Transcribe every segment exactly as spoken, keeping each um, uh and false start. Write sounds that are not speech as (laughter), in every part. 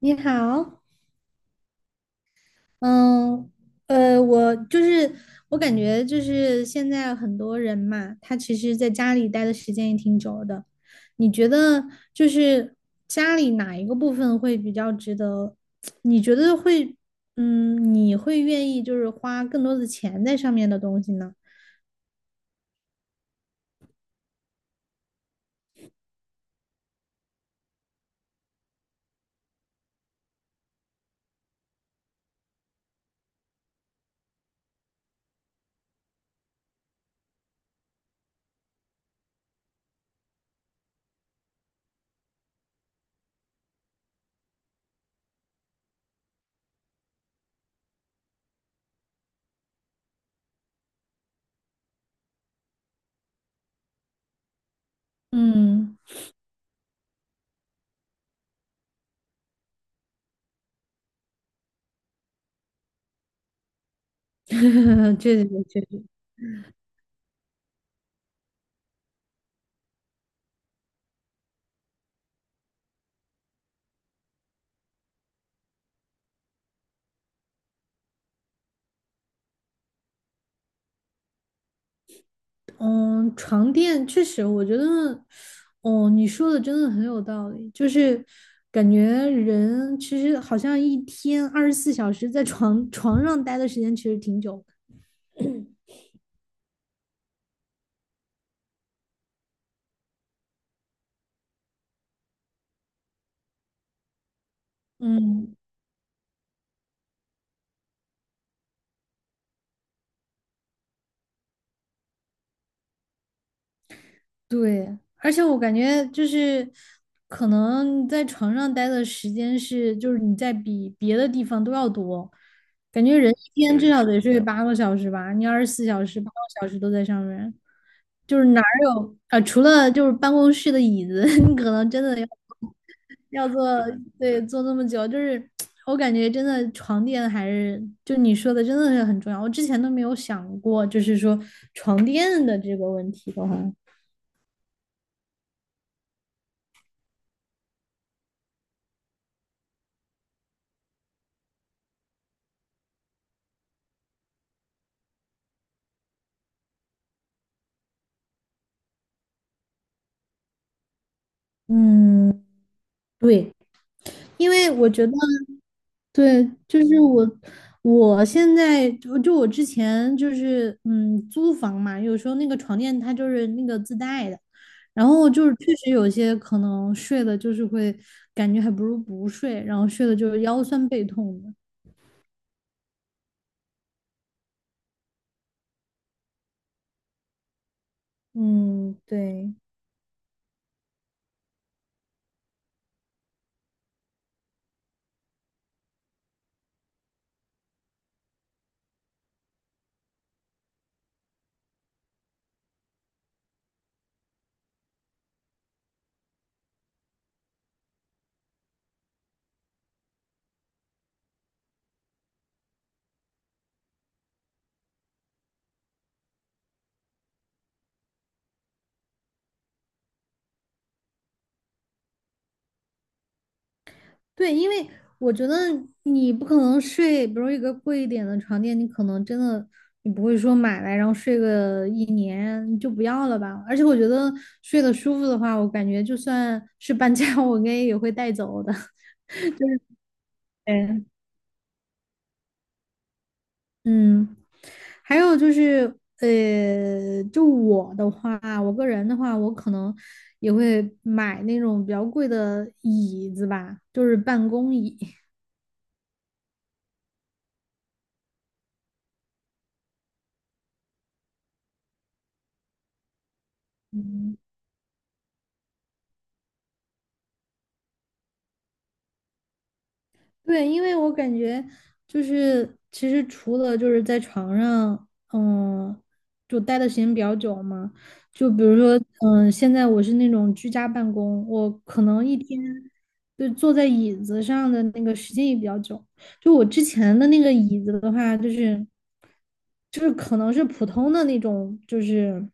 你好。嗯，呃，我就是我感觉就是现在很多人嘛，他其实在家里待的时间也挺久的。你觉得就是家里哪一个部分会比较值得？你觉得会，嗯，你会愿意就是花更多的钱在上面的东西呢？嗯，(laughs) 确实确实。嗯，床垫确实，我觉得，哦，你说的真的很有道理，就是感觉人其实好像一天二十四小时在床 (laughs) 床上待的时间其实挺久的。嗯，对，而且我感觉就是可能你在床上待的时间是，就是你在比别的地方都要多。感觉人一天至对少得睡八个小时吧，你二十四小时八个小时都在上面。就是哪儿有啊、除了就是办公室的椅子，(laughs) 你可能真的要要坐。对，坐那么久，就是我感觉真的床垫还是就你说的真的是很重要，我之前都没有想过，就是说床垫的这个问题的话。嗯，对，因为我觉得对，就是我。我现在就就我之前就是嗯租房嘛，有时候那个床垫它就是那个自带的，然后就是确实有些可能睡的，就是会感觉还不如不睡，然后睡的就是腰酸背痛的。嗯，对对。因为我觉得你不可能睡，比如一个贵一点的床垫，你可能真的你不会说买来然后睡个一年你就不要了吧。而且我觉得睡得舒服的话，我感觉就算是搬家，(laughs) 我应该也会带走的。嗯。嗯，还有就是，呃，就我的话，我个人的话，我可能也会买那种比较贵的椅子吧，就是办公椅。嗯，对，因为我感觉就是，其实除了就是在床上，嗯，就待的时间比较久嘛，就比如说，嗯，现在我是那种居家办公，我可能一天就坐在椅子上的那个时间也比较久。就我之前的那个椅子的话，就是就是可能是普通的那种，就是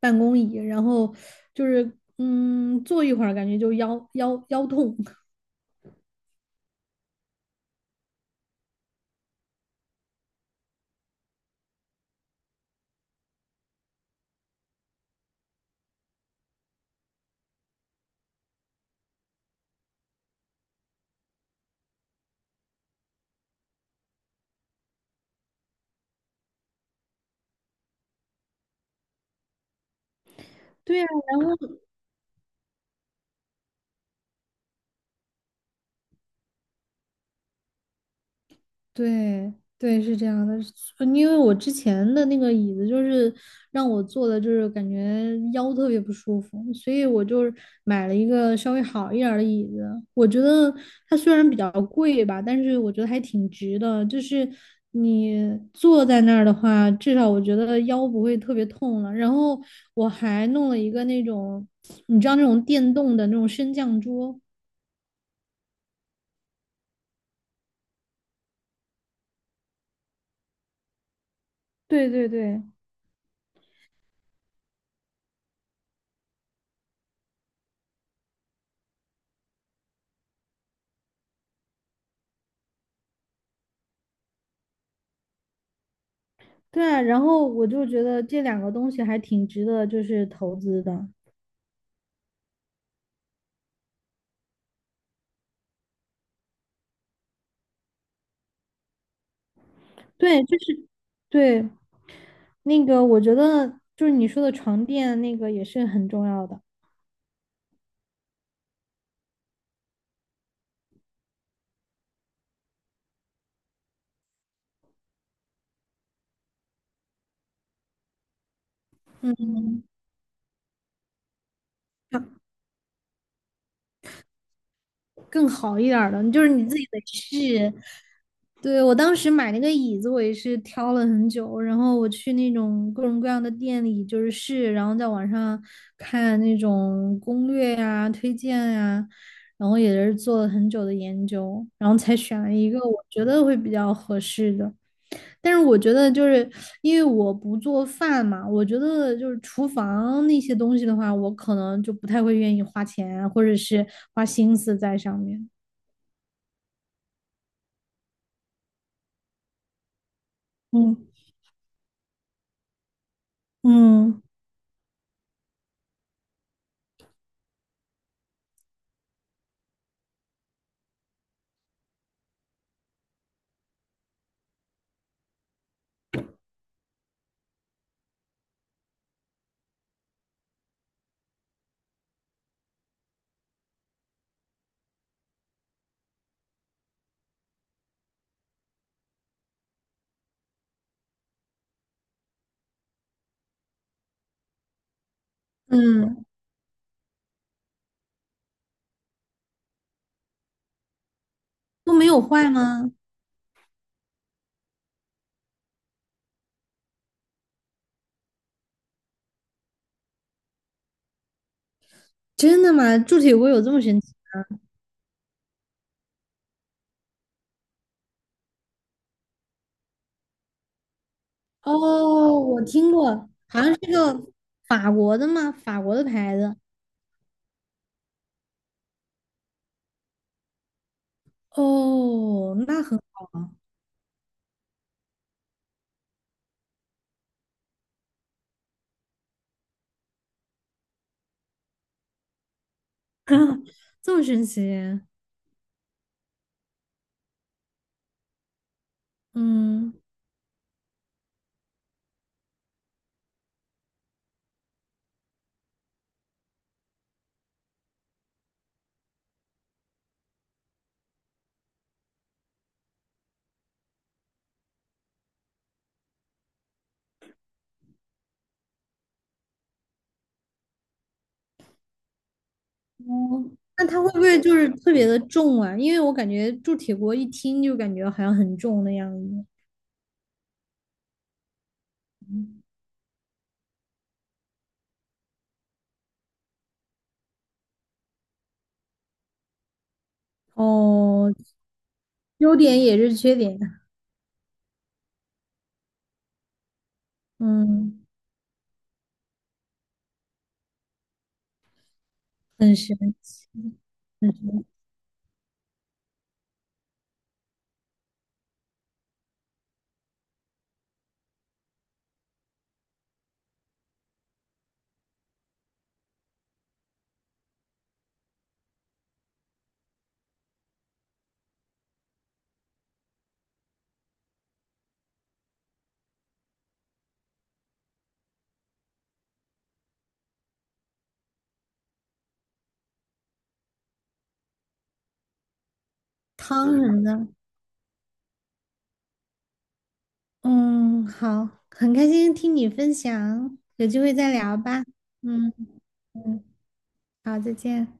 办公椅，然后就是嗯，坐一会儿感觉就腰腰腰痛。(laughs) 对呀。对对，是这样的，呃因为我之前的那个椅子就是让我坐的，就是感觉腰特别不舒服，所以我就是买了一个稍微好一点儿的椅子。我觉得它虽然比较贵吧，但是我觉得还挺值的。就是你坐在那儿的话，至少我觉得腰不会特别痛了。然后我还弄了一个那种，你知道那种电动的那种升降桌。对对对。对啊，然后我就觉得这两个东西还挺值得就是投资的。对，就是对那个，我觉得就是你说的床垫那个也是很重要的。嗯。更好一点儿的，就是你自己得试。对，我当时买那个椅子，我也是挑了很久，然后我去那种各种各样的店里就是试，然后在网上看那种攻略呀、推荐呀，然后也是做了很久的研究，然后才选了一个我觉得会比较合适的。但是我觉得就是因为我不做饭嘛，我觉得就是厨房那些东西的话，我可能就不太会愿意花钱啊或者是花心思在上面。嗯嗯嗯，都没有坏吗？真的吗？铸铁锅有这么神奇？哦，我听过，好像是个法国的吗？法国的牌子。哦，那很 (coughs) (laughs) 这么神奇。嗯，哦，那它会不会就是特别的重啊？因为我感觉铸铁锅一听就感觉好像很重的样子。哦，优点也是缺点啊。嗯，很神奇，很神奇汤什么的。嗯，好，很开心听你分享，有机会再聊吧。嗯嗯，好，再见。